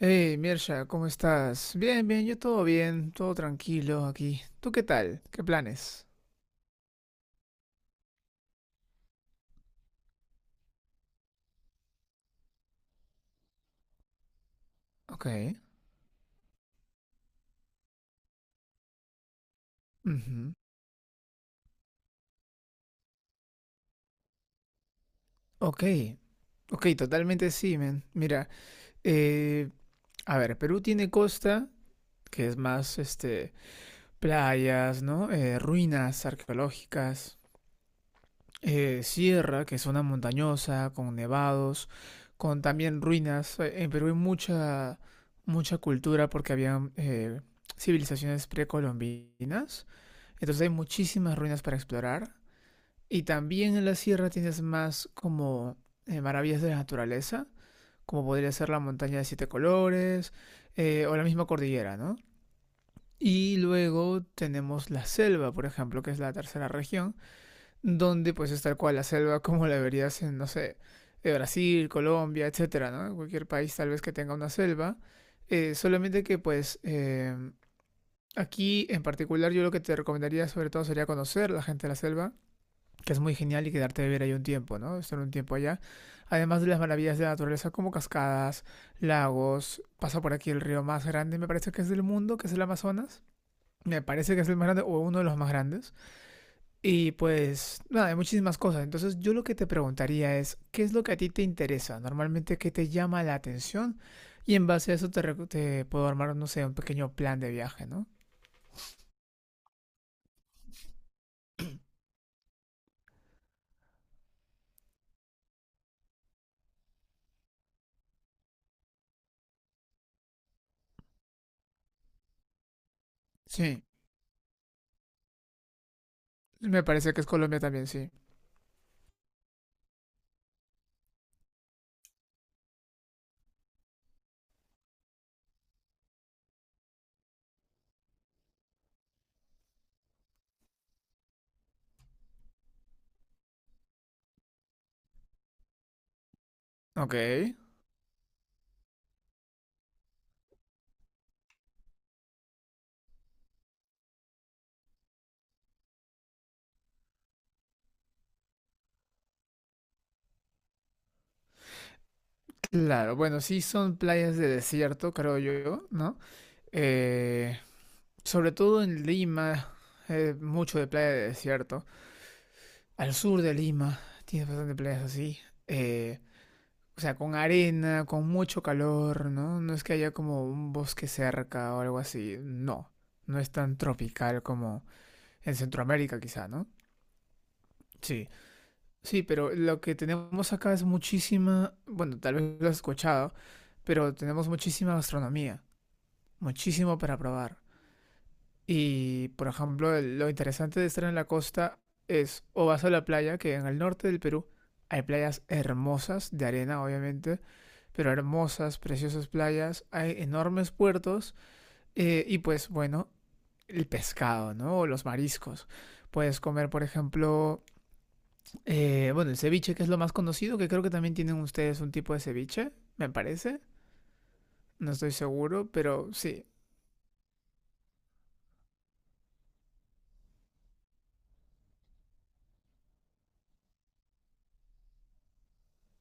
Hey, Mirsha, ¿cómo estás? Bien, bien, yo todo bien, todo tranquilo aquí. ¿Tú qué tal? ¿Qué planes? Ok. Ujú. Ok. Ok, totalmente sí, men. Mira, eh, a ver, Perú tiene costa, que es más, este, playas, ¿no? Ruinas arqueológicas, sierra, que es zona montañosa, con nevados, con también ruinas. En Perú hay mucha, mucha cultura porque había civilizaciones precolombinas. Entonces hay muchísimas ruinas para explorar. Y también en la sierra tienes más como maravillas de la naturaleza, como podría ser la montaña de siete colores, o la misma cordillera, ¿no? Y luego tenemos la selva, por ejemplo, que es la tercera región, donde pues es tal cual la selva como la verías en, no sé, de Brasil, Colombia, etcétera, ¿no? Cualquier país tal vez que tenga una selva. Solamente que pues aquí en particular yo lo que te recomendaría sobre todo sería conocer la gente de la selva, que es muy genial y quedarte a vivir ahí un tiempo, ¿no? Estar un tiempo allá. Además de las maravillas de la naturaleza como cascadas, lagos, pasa por aquí el río más grande, me parece que es del mundo, que es el Amazonas. Me parece que es el más grande o uno de los más grandes. Y pues nada, hay muchísimas cosas. Entonces yo lo que te preguntaría es, ¿qué es lo que a ti te interesa? Normalmente, ¿qué te llama la atención? Y en base a eso te puedo armar, no sé, un pequeño plan de viaje, ¿no? Sí, me parece que es Colombia también, sí. Ok. Claro, bueno, sí son playas de desierto, creo yo, ¿no? Eh, sobre todo en Lima, mucho de playa de desierto. Al sur de Lima tienes bastante playas así. eh, o sea, con arena, con mucho calor, ¿no? No es que haya como un bosque cerca o algo así. No, no es tan tropical como en Centroamérica quizá, ¿no? Sí, sí, pero lo que tenemos acá es muchísima, bueno, tal vez lo has escuchado, pero tenemos muchísima gastronomía. Muchísimo para probar. Y, por ejemplo, lo interesante de estar en la costa es o vas a la playa, que en el norte del Perú hay playas hermosas, de arena obviamente, pero hermosas, preciosas playas, hay enormes puertos, y pues bueno, el pescado, ¿no? O los mariscos. Puedes comer, por ejemplo, bueno, el ceviche, que es lo más conocido, que creo que también tienen ustedes un tipo de ceviche, me parece. No estoy seguro, pero sí.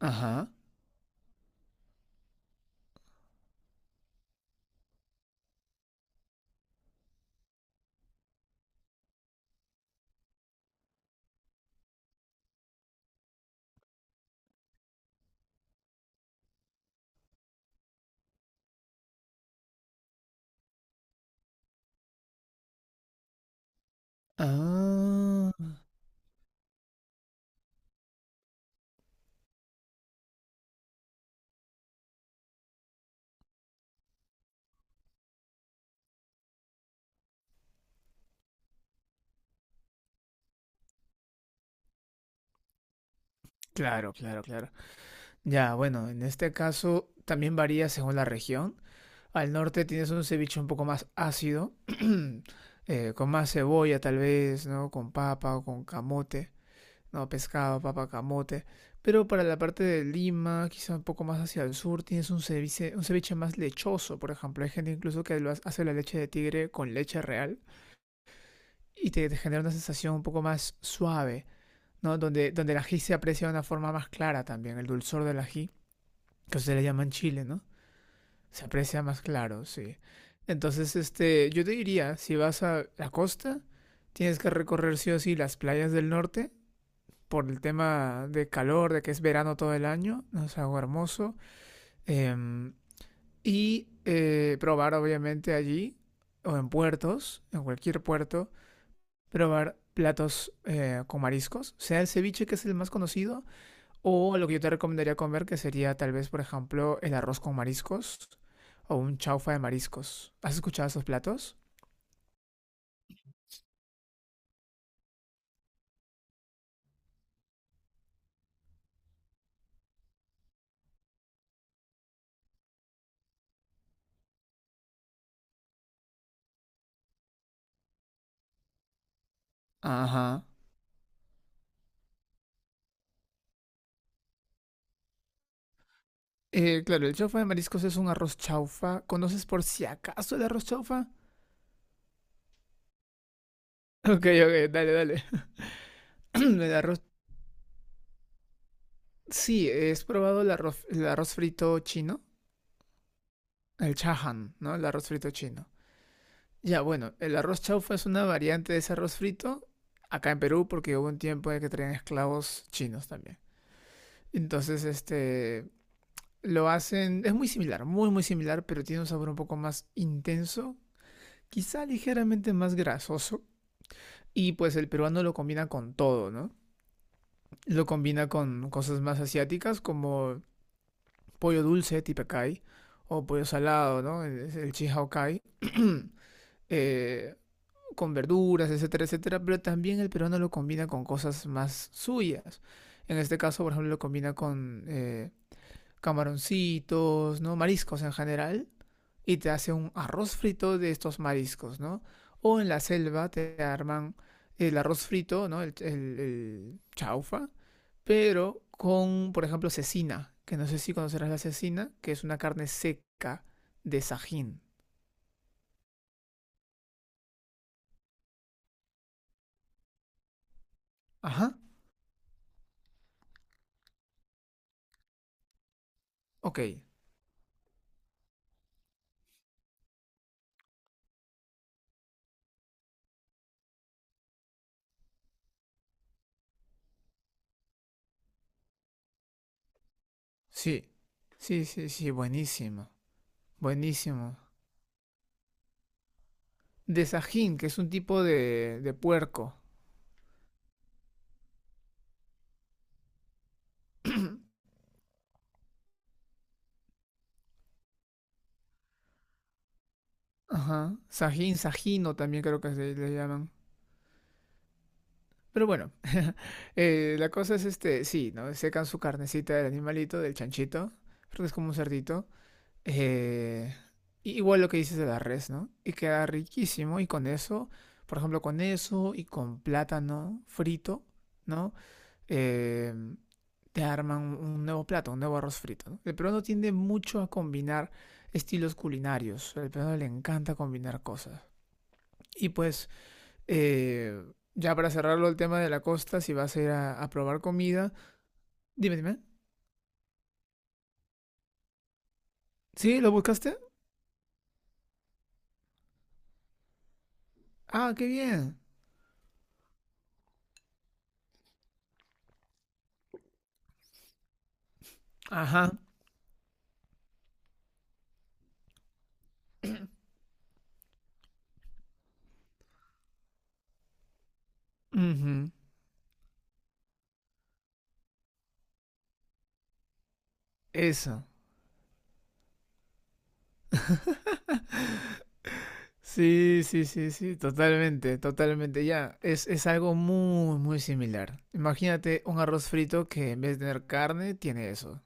Ajá. Ah. Claro, claro, claro. Ya, bueno, en este caso también varía según la región. Al norte tienes un ceviche un poco más ácido, con más cebolla tal vez, ¿no? Con papa o con camote, ¿no? Pescado, papa, camote. Pero para la parte de Lima, quizá un poco más hacia el sur, tienes un ceviche más lechoso, por ejemplo. Hay gente incluso que hace la leche de tigre con leche real y te genera una sensación un poco más suave, ¿no? Donde el ají se aprecia de una forma más clara también, el dulzor del ají que ustedes le llaman chile, ¿no? Se aprecia más claro, sí. Entonces, este, yo te diría, si vas a la costa, tienes que recorrer sí o sí las playas del norte por el tema de calor, de que es verano todo el año, ¿no? Es algo hermoso. Em, y probar, obviamente, allí, o en puertos, en cualquier puerto, probar platos con mariscos, sea el ceviche, que es el más conocido, o lo que yo te recomendaría comer, que sería tal vez, por ejemplo, el arroz con mariscos o un chaufa de mariscos. ¿Has escuchado esos platos? Ajá. Claro, el chaufa de mariscos es un arroz chaufa. ¿Conoces por si acaso el arroz chaufa? Ok, ok, dale, dale. El arroz... Sí, ¿has probado el arroz frito chino? El chahan, ¿no? El arroz frito chino. Ya, bueno, el arroz chaufa es una variante de ese arroz frito acá en Perú porque hubo un tiempo de que traían esclavos chinos también. Entonces, este, lo hacen, es muy similar, muy muy similar, pero tiene un sabor un poco más intenso, quizá ligeramente más grasoso. Y pues el peruano lo combina con todo, ¿no? Lo combina con cosas más asiáticas como pollo dulce, tipacay, o pollo salado, ¿no? Es el chihao. eh, con verduras, etcétera, etcétera. Pero también el peruano lo combina con cosas más suyas. En este caso, por ejemplo, lo combina con camaroncitos, ¿no? Mariscos en general y te hace un arroz frito de estos mariscos, ¿no? O en la selva te arman el arroz frito, ¿no? El chaufa, pero con, por ejemplo, cecina, que no sé si conocerás la cecina, que es una carne seca de sajín. Ajá, ok, sí. Sí, sí, sí, buenísimo, buenísimo. De sajín, que es un tipo de puerco. Ajá, sajín, sajino también creo que se le llaman. Pero bueno, la cosa es este, sí, ¿no? Secan su carnecita del animalito, del chanchito, porque es como un cerdito. eh, y igual lo que dices de la res, ¿no? Y queda riquísimo y con eso, por ejemplo, con eso y con plátano frito, ¿no? Eh, te arman un nuevo plato, un nuevo arroz frito, ¿no? El peruano tiende mucho a combinar estilos culinarios. Al peruano le encanta combinar cosas. Y pues, eh, ya para cerrarlo el tema de la costa, si vas a ir a probar comida, dime, dime. ¿Sí? ¿Lo buscaste? Ah, qué bien. Ajá. Ujú. Eso. Sí, sí, sí, sí, totalmente, totalmente. Ya, es algo muy, muy similar. Imagínate un arroz frito que en vez de tener carne, tiene eso.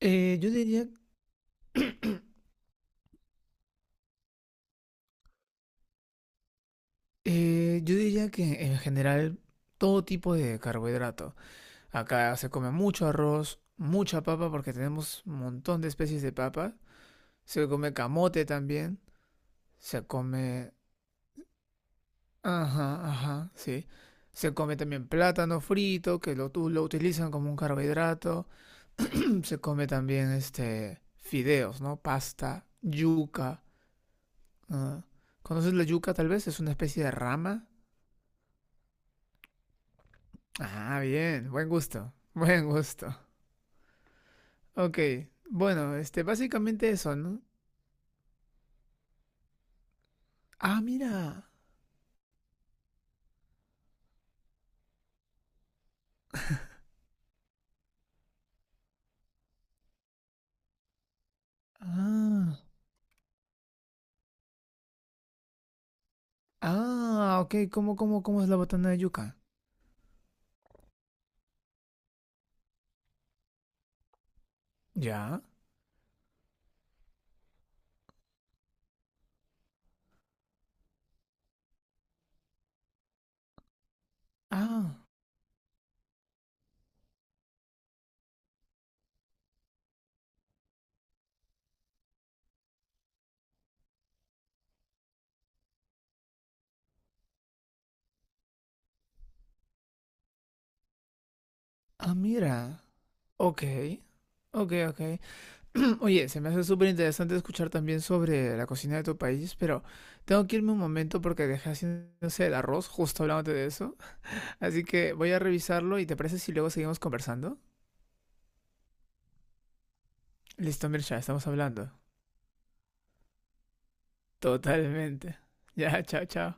Eh, yo diría, yo diría que en general todo tipo de carbohidrato. Acá se come mucho arroz, mucha papa porque tenemos un montón de especies de papa. Se come camote también. Se come... Ajá, ajá, sí. Se come también plátano frito, que lo utilizan como un carbohidrato. Se come también este fideos, ¿no? Pasta, yuca. Ah. ¿Conoces la yuca tal vez? Es una especie de rama. Ah, bien, buen gusto, buen gusto. Ok, bueno, este, básicamente eso, ¿no? Ah, mira. Ah, ah, ok, ¿cómo, cómo, cómo es la botana de yuca? Ya. Ah, ah, mira. Ok, ok, ok. Oye, se me hace súper interesante escuchar también sobre la cocina de tu país, pero tengo que irme un momento porque dejé haciéndose el arroz, justo hablándote de eso. Así que voy a revisarlo y ¿te parece si luego seguimos conversando? Listo, Mircha, estamos hablando. Totalmente. Ya, chao, chao.